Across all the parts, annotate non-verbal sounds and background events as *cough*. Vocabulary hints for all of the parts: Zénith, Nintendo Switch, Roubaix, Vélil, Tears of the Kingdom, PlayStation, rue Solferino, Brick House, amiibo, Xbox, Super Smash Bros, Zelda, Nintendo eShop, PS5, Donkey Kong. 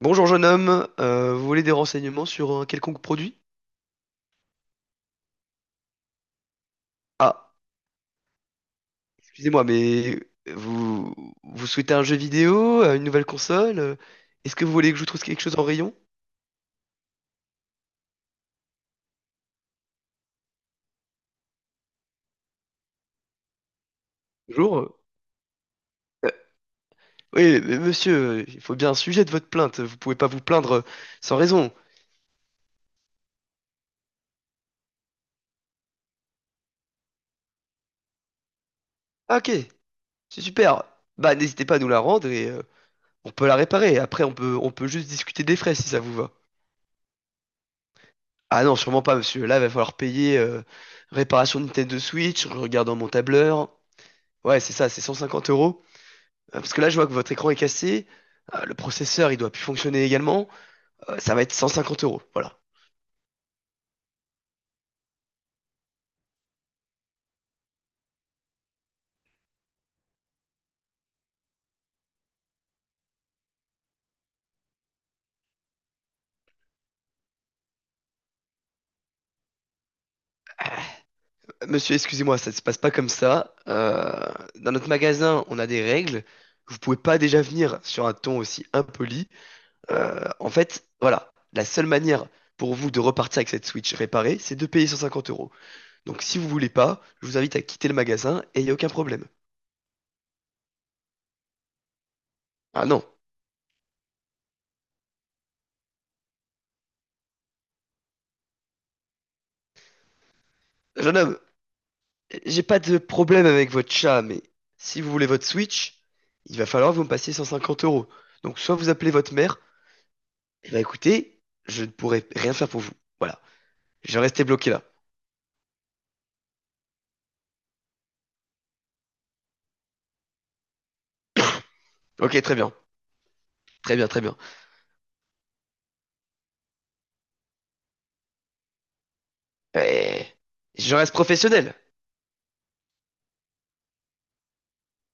Bonjour jeune homme. Vous voulez des renseignements sur un quelconque produit? Ah, excusez-moi, mais vous vous souhaitez un jeu vidéo, une nouvelle console? Est-ce que vous voulez que je vous trouve quelque chose en rayon? Bonjour. Euh, oui, mais monsieur, il faut bien un sujet de votre plainte. Vous pouvez pas vous plaindre sans raison. Ah, ok, c'est super. Bah n'hésitez pas à nous la rendre et on peut la réparer. Après, on peut juste discuter des frais si ça vous va. Ah non, sûrement pas, monsieur. Là, il va falloir payer réparation de Nintendo Switch. Je regarde dans mon tableur. Ouais, c'est ça, c'est 150 euros. Parce que là, je vois que votre écran est cassé, le processeur, il doit plus fonctionner également. Ça va être 150 euros, voilà. Euh, Monsieur, excusez-moi, ça ne se passe pas comme ça. Dans notre magasin, on a des règles. Vous pouvez pas déjà venir sur un ton aussi impoli. En fait, voilà, la seule manière pour vous de repartir avec cette Switch réparée, c'est de payer 150 euros. Donc si vous voulez pas, je vous invite à quitter le magasin et il n'y a aucun problème. Ah non, jeune homme, j'ai pas de problème avec votre chat, mais si vous voulez votre Switch, il va falloir que vous me passiez 150 euros. Donc soit vous appelez votre mère, et bah écoutez, je ne pourrai rien faire pour vous. Voilà. Je restais bloqué là. Ok, très bien. Très bien, très bien. Euh, je reste professionnel.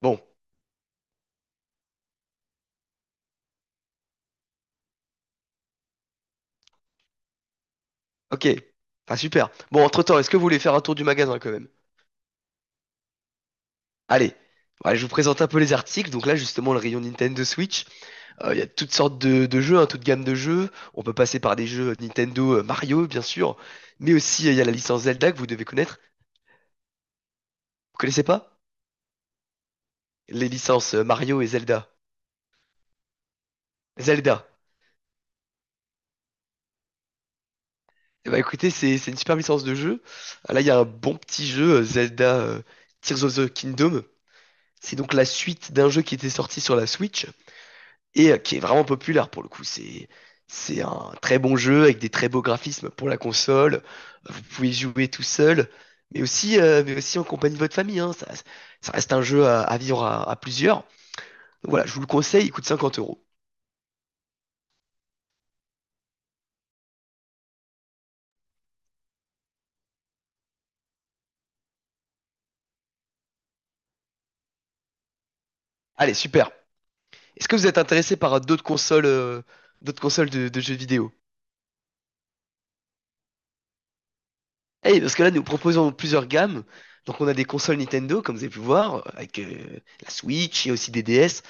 Bon, ok. Enfin, super. Bon, entre-temps, est-ce que vous voulez faire un tour du magasin quand même? Allez. Voilà, je vous présente un peu les articles. Donc là, justement, le rayon Nintendo Switch. Il y a toutes sortes de, jeux, hein, toute gamme de jeux. On peut passer par des jeux Nintendo, Mario, bien sûr, mais aussi il y a la licence Zelda que vous devez connaître. Vous connaissez pas? Les licences Mario et Zelda. Zelda. Eh ben, écoutez, c'est une super licence de jeu. Ah, là, il y a un bon petit jeu, Zelda Tears of the Kingdom. C'est donc la suite d'un jeu qui était sorti sur la Switch, et qui est vraiment populaire pour le coup. C'est un très bon jeu avec des très beaux graphismes pour la console. Vous pouvez y jouer tout seul, mais aussi, en compagnie de votre famille, hein. Ça, reste un jeu à, vivre à, plusieurs. Donc voilà, je vous le conseille, il coûte 50 euros. Allez, super. Est-ce que vous êtes intéressé par d'autres consoles, de, jeux vidéo? Eh, parce que là, nous proposons plusieurs gammes. Donc on a des consoles Nintendo, comme vous avez pu voir, avec la Switch et aussi des DS.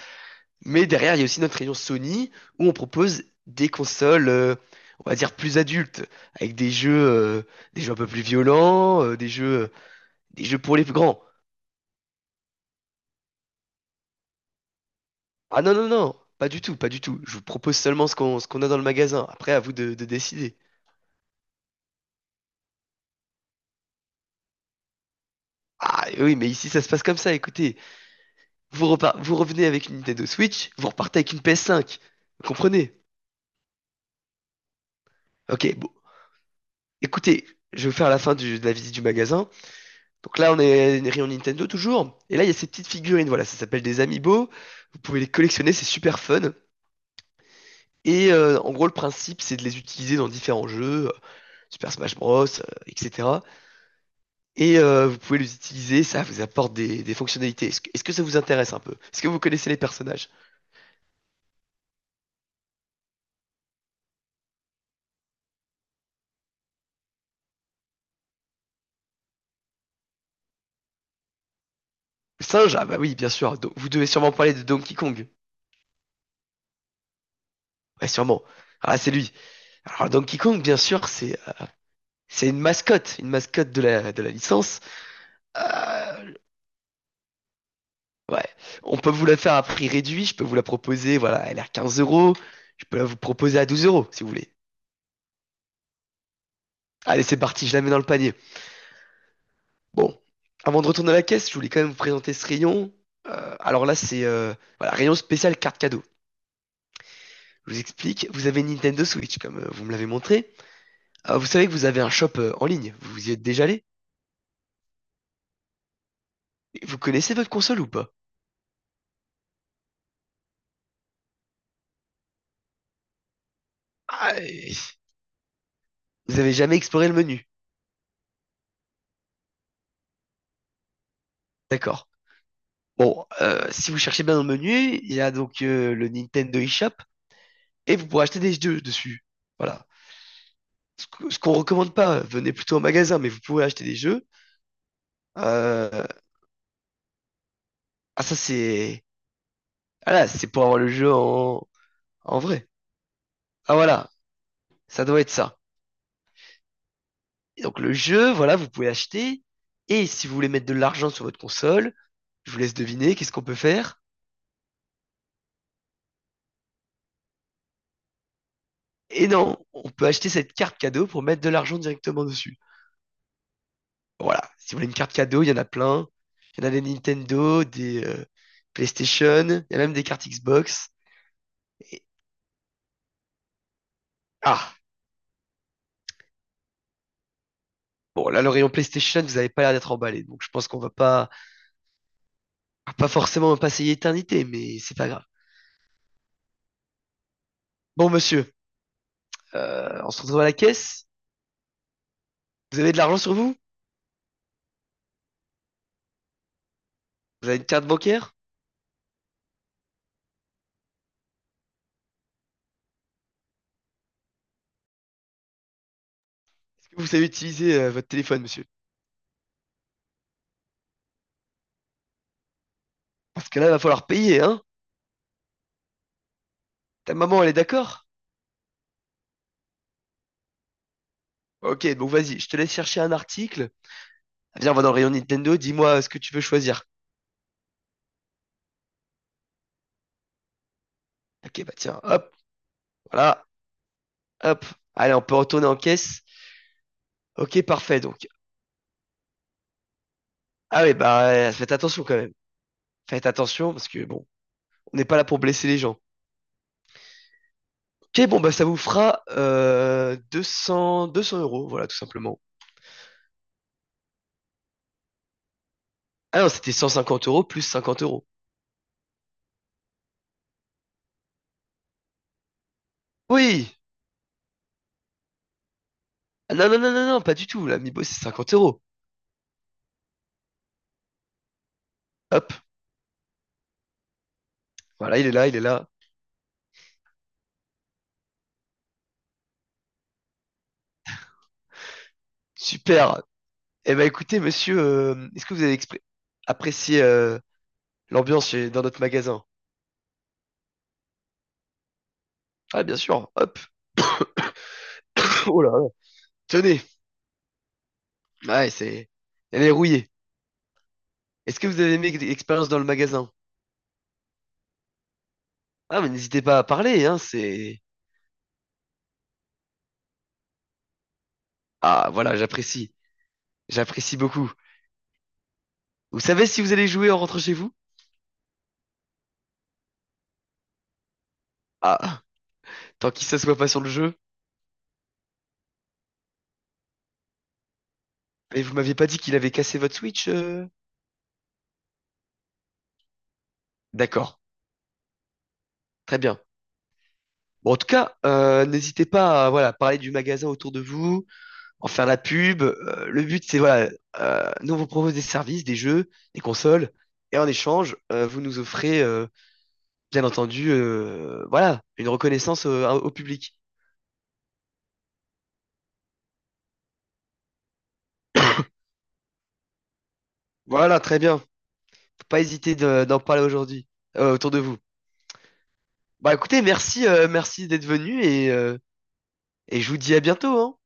Mais derrière, il y a aussi notre rayon Sony où on propose des consoles, on va dire plus adultes, avec des jeux un peu plus violents, des jeux pour les plus grands. Ah non, non, non, pas du tout, pas du tout. Je vous propose seulement ce qu'on a dans le magasin. Après, à vous de, décider. Ah oui, mais ici, ça se passe comme ça. Écoutez, vous revenez avec une Nintendo Switch, vous repartez avec une PS5. Vous comprenez? Ok, bon, écoutez, je vais vous faire la fin de la visite du magasin. Donc là, on est une rayon Nintendo toujours. Et là, il y a ces petites figurines. Voilà, ça s'appelle des amiibo. Vous pouvez les collectionner, c'est super fun. Et en gros, le principe, c'est de les utiliser dans différents jeux, Super Smash Bros, etc. Et vous pouvez les utiliser, ça vous apporte des, fonctionnalités. Est-ce que ça vous intéresse un peu? Est-ce que vous connaissez les personnages? Le singe, ah bah oui, bien sûr. Vous devez sûrement parler de Donkey Kong. Ouais, sûrement. Ah, là, c'est lui. Alors, Donkey Kong, bien sûr, c'est une mascotte de la licence. Euh, Ouais. On peut vous la faire à prix réduit. Je peux vous la proposer. Voilà, elle est à 15 euros. Je peux la vous proposer à 12 € si vous voulez. Allez, c'est parti. Je la mets dans le panier. Bon. Avant de retourner à la caisse, je voulais quand même vous présenter ce rayon. Alors là, c'est voilà, rayon spécial carte cadeau. Je vous explique. Vous avez une Nintendo Switch, comme vous me l'avez montré. Vous savez que vous avez un shop en ligne. Vous y êtes déjà allé? Et vous connaissez votre console ou pas? Ah, et- Vous avez jamais exploré le menu. D'accord. Bon, si vous cherchez bien dans le menu, il y a donc le Nintendo eShop et vous pourrez acheter des jeux dessus. Voilà. Ce qu'on recommande pas, venez plutôt au magasin, mais vous pouvez acheter des jeux. Euh, Ah, ça, c'est. Ah là, c'est pour avoir le jeu en... en vrai. Ah, voilà, ça doit être ça. Et donc, le jeu, voilà, vous pouvez acheter. Et si vous voulez mettre de l'argent sur votre console, je vous laisse deviner qu'est-ce qu'on peut faire. Et non, on peut acheter cette carte cadeau pour mettre de l'argent directement dessus. Voilà, si vous voulez une carte cadeau, il y en a plein. Il y en a des Nintendo, des PlayStation, il y a même des cartes Xbox. Et- Ah, bon, là, le rayon PlayStation, vous n'avez pas l'air d'être emballé, donc je pense qu'on va pas forcément passer l'éternité, mais c'est pas grave. Bon, monsieur, on se retrouve à la caisse. Vous avez de l'argent sur vous? Vous avez une carte bancaire? Est-ce que vous savez utiliser votre téléphone, monsieur? Parce que là, il va falloir payer, hein? Ta maman, elle est d'accord? Ok, donc vas-y, je te laisse chercher un article. Viens, on va dans le rayon Nintendo, dis-moi ce que tu veux choisir. Ok, bah tiens, hop, voilà, hop. Allez, on peut retourner en caisse. Ok, parfait, donc. Ah oui, bah, faites attention quand même. Faites attention, parce que bon, on n'est pas là pour blesser les gens. Ok, bon, bah, ça vous fera deux cents euros, voilà, tout simplement. Ah non, c'était 150 € plus 50 euros. Oui! Ah non, non, non, non, non, pas du tout. L'amiibo, c'est 50 euros. Hop, voilà, il est là. Super! Eh ben, écoutez, monsieur, est-ce que vous avez expré- apprécié l'ambiance dans notre magasin? Ah, bien sûr, hop! *laughs* Oh là là! Tenez! Ouais, c'est. Elle est rouillée. Est-ce que vous avez aimé l'expérience dans le magasin? Ah, mais n'hésitez pas à parler, hein, c'est. Ah, voilà, j'apprécie. J'apprécie beaucoup. Vous savez si vous allez jouer en rentrant chez vous? Ah, tant qu'il s'assoit pas sur le jeu. Et vous m'aviez pas dit qu'il avait cassé votre Switch, D'accord, très bien. Bon, en tout cas, n'hésitez pas à voilà, parler du magasin autour de vous, en faire la pub. Le but, c'est voilà, nous on vous propose des services, des jeux, des consoles, et en échange, vous nous offrez, bien entendu, voilà, une reconnaissance au public. Voilà, très bien. Faut pas hésiter d'en parler aujourd'hui autour de vous. Bah écoutez, merci, merci d'être venu et je vous dis à bientôt, hein.